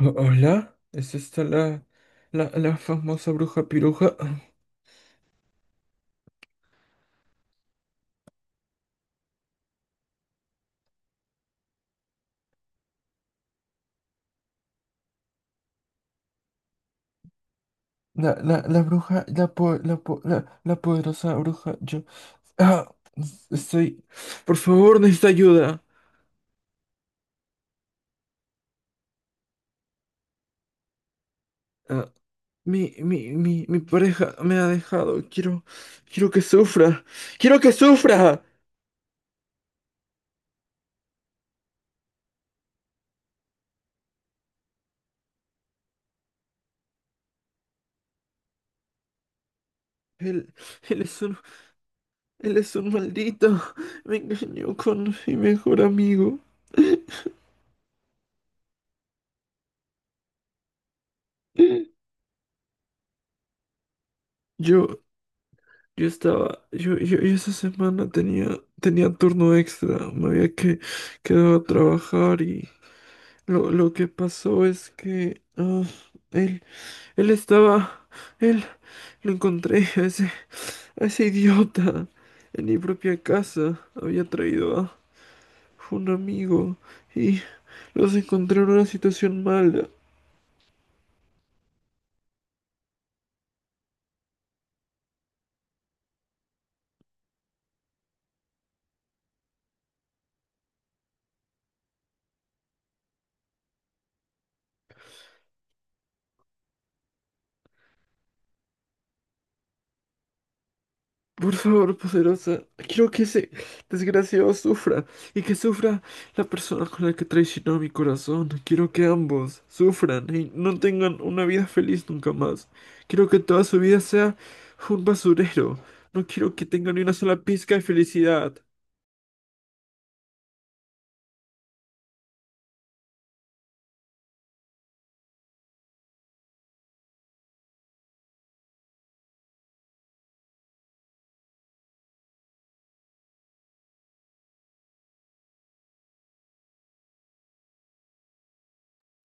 Hola, ¿es esta la famosa bruja piruja? La bruja, la poderosa bruja, yo... Ah, estoy... Por favor, necesito ayuda. Ah, mi pareja me ha dejado. Quiero que sufra. ¡Quiero que sufra! Él, él es un, él es un maldito. Me engañó con mi mejor amigo. Yo, Yo estaba, yo esa semana tenía, tenía turno extra, quedado a trabajar y lo que pasó es que él, él estaba, él, lo encontré a ese idiota en mi propia casa, había traído a un amigo y los encontré en una situación mala. Por favor, poderosa, quiero que ese desgraciado sufra y que sufra la persona con la que traicionó mi corazón. Quiero que ambos sufran y no tengan una vida feliz nunca más. Quiero que toda su vida sea un basurero. No quiero que tengan ni una sola pizca de felicidad.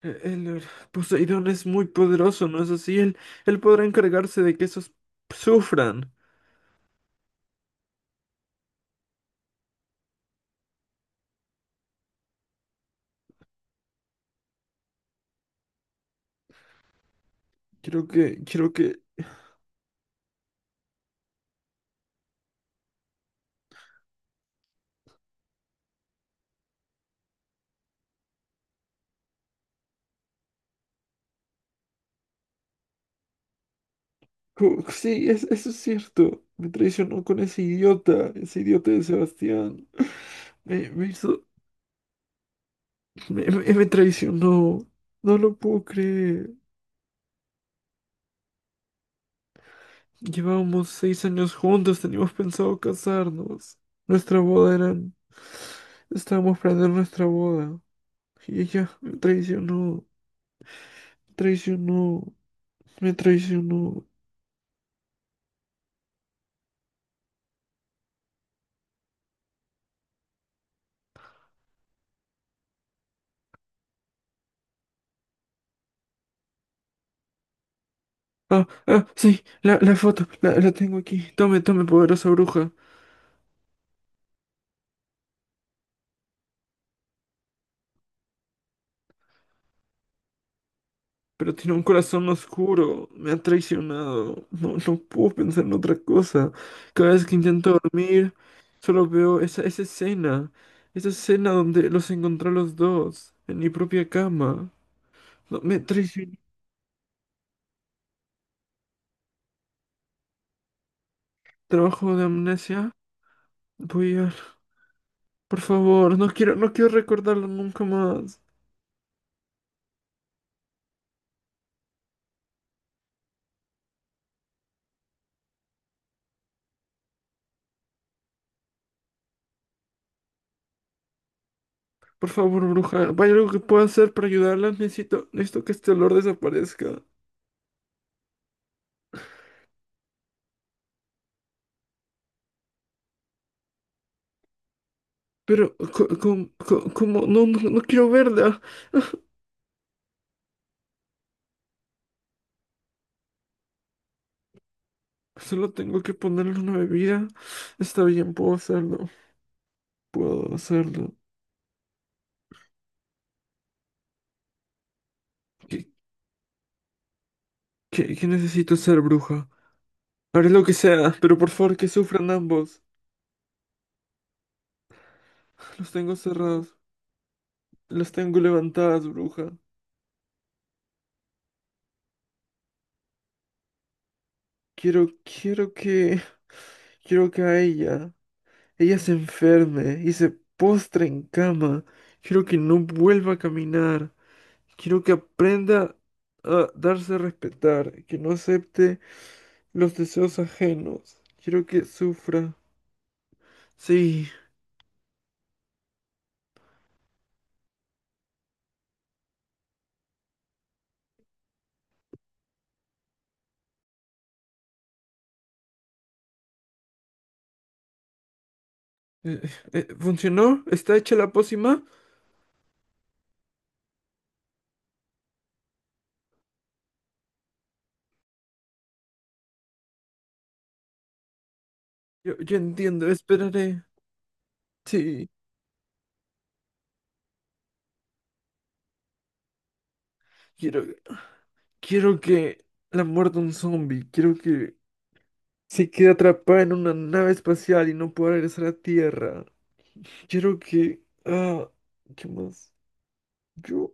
E- El, eh, Poseidón es muy poderoso, ¿no es así? Él podrá encargarse de que esos sufran. Quiero que sí, eso es cierto. Me traicionó con ese idiota de Sebastián. Me hizo, me- me traicionó. No lo puedo creer. Llevábamos 6 años juntos, teníamos pensado casarnos. Nuestra boda era... Estábamos planeando nuestra boda. Y ella me traicionó, traicionó, me traicionó. Ah, ah, sí, la foto, la tengo aquí. Tome, tome, poderosa bruja. Pero tiene un corazón oscuro, me ha traicionado, no, no puedo pensar en otra cosa. Cada vez que intento dormir, solo veo esa escena donde los encontré a los dos, en mi propia cama. No, me traicionó. Trabajo de amnesia. Voy a... Por favor, no quiero, no quiero recordarlo nunca más. Por favor, bruja, ¿hay algo que pueda hacer para ayudarla? Necesito, necesito que este olor desaparezca. Pero, ¿cómo? No, no, no quiero verla. Solo tengo que ponerle una bebida. Está bien, puedo hacerlo. Puedo hacerlo. ¿Qué, ¿Qué necesito ser bruja? Haré lo que sea, pero por favor que sufran ambos. Los tengo cerrados. Los tengo levantadas, bruja. Quiero, quiero que... Quiero que a ella... Ella se enferme y se postre en cama. Quiero que no vuelva a caminar. Quiero que aprenda a darse a respetar. Que no acepte los deseos ajenos. Quiero que sufra. Sí. Eh, ¿Funcionó? ¿Está hecha la pócima? Yo entiendo, esperaré. Sí. Quiero, quiero que la muerda un zombie. Quiero que se quede atrapada en una nave espacial y no pueda regresar a Tierra. Quiero que... Ah, ¿qué más? Yo...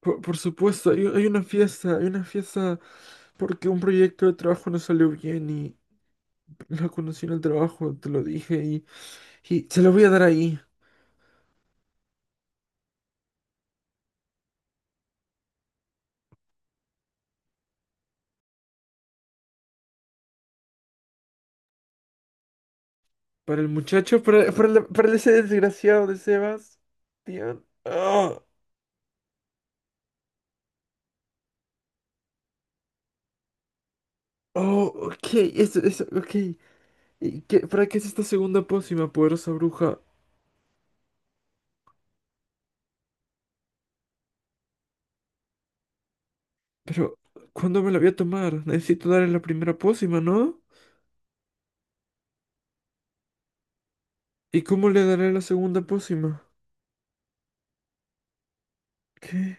Por supuesto, hay una fiesta porque un proyecto de trabajo no salió bien y la conocí en el trabajo, te lo dije, y se lo voy a dar ahí. Para el muchacho, para ese desgraciado de Sebas. Dios. Oh, oh, ok, eso, ok. ¿Para qué es esta segunda pócima, poderosa bruja? Pero, ¿cuándo me la voy a tomar? Necesito darle la primera pócima, ¿no? ¿Y cómo le daré la segunda pócima? ¿Qué?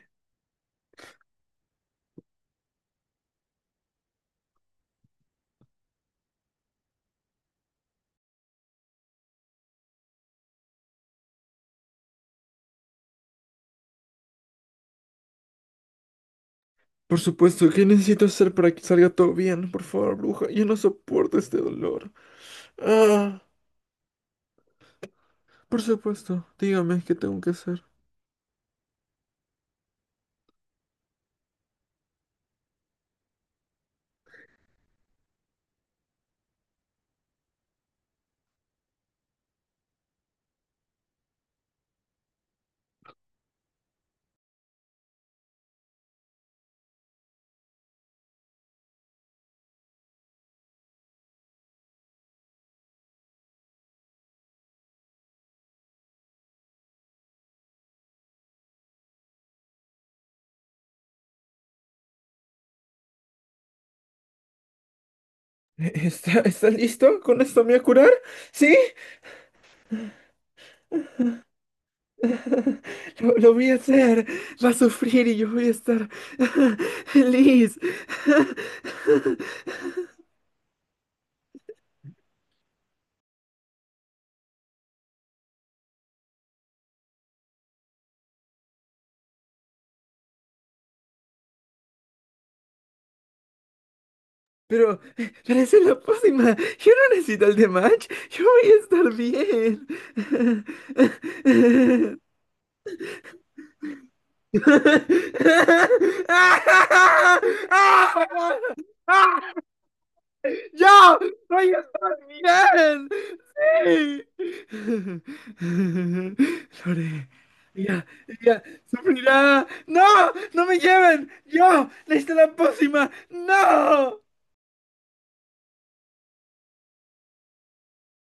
Por supuesto, ¿qué necesito hacer para que salga todo bien? Por favor, bruja, yo no soporto este dolor. Ah, por supuesto, dígame qué tengo que hacer. ¿Estás listo? ¿Con esto me voy a curar? ¿Sí? Lo voy a hacer. Va a sufrir y yo voy a estar feliz. Pero esa es la pócima. Yo no necesito el de match. Yo voy a estar bien. ¡Yo voy a estar bien! Lore, ella sufrirá. ¡No! ¡No me lleven! ¡Yo! ¡Necesito la pócima! ¡No!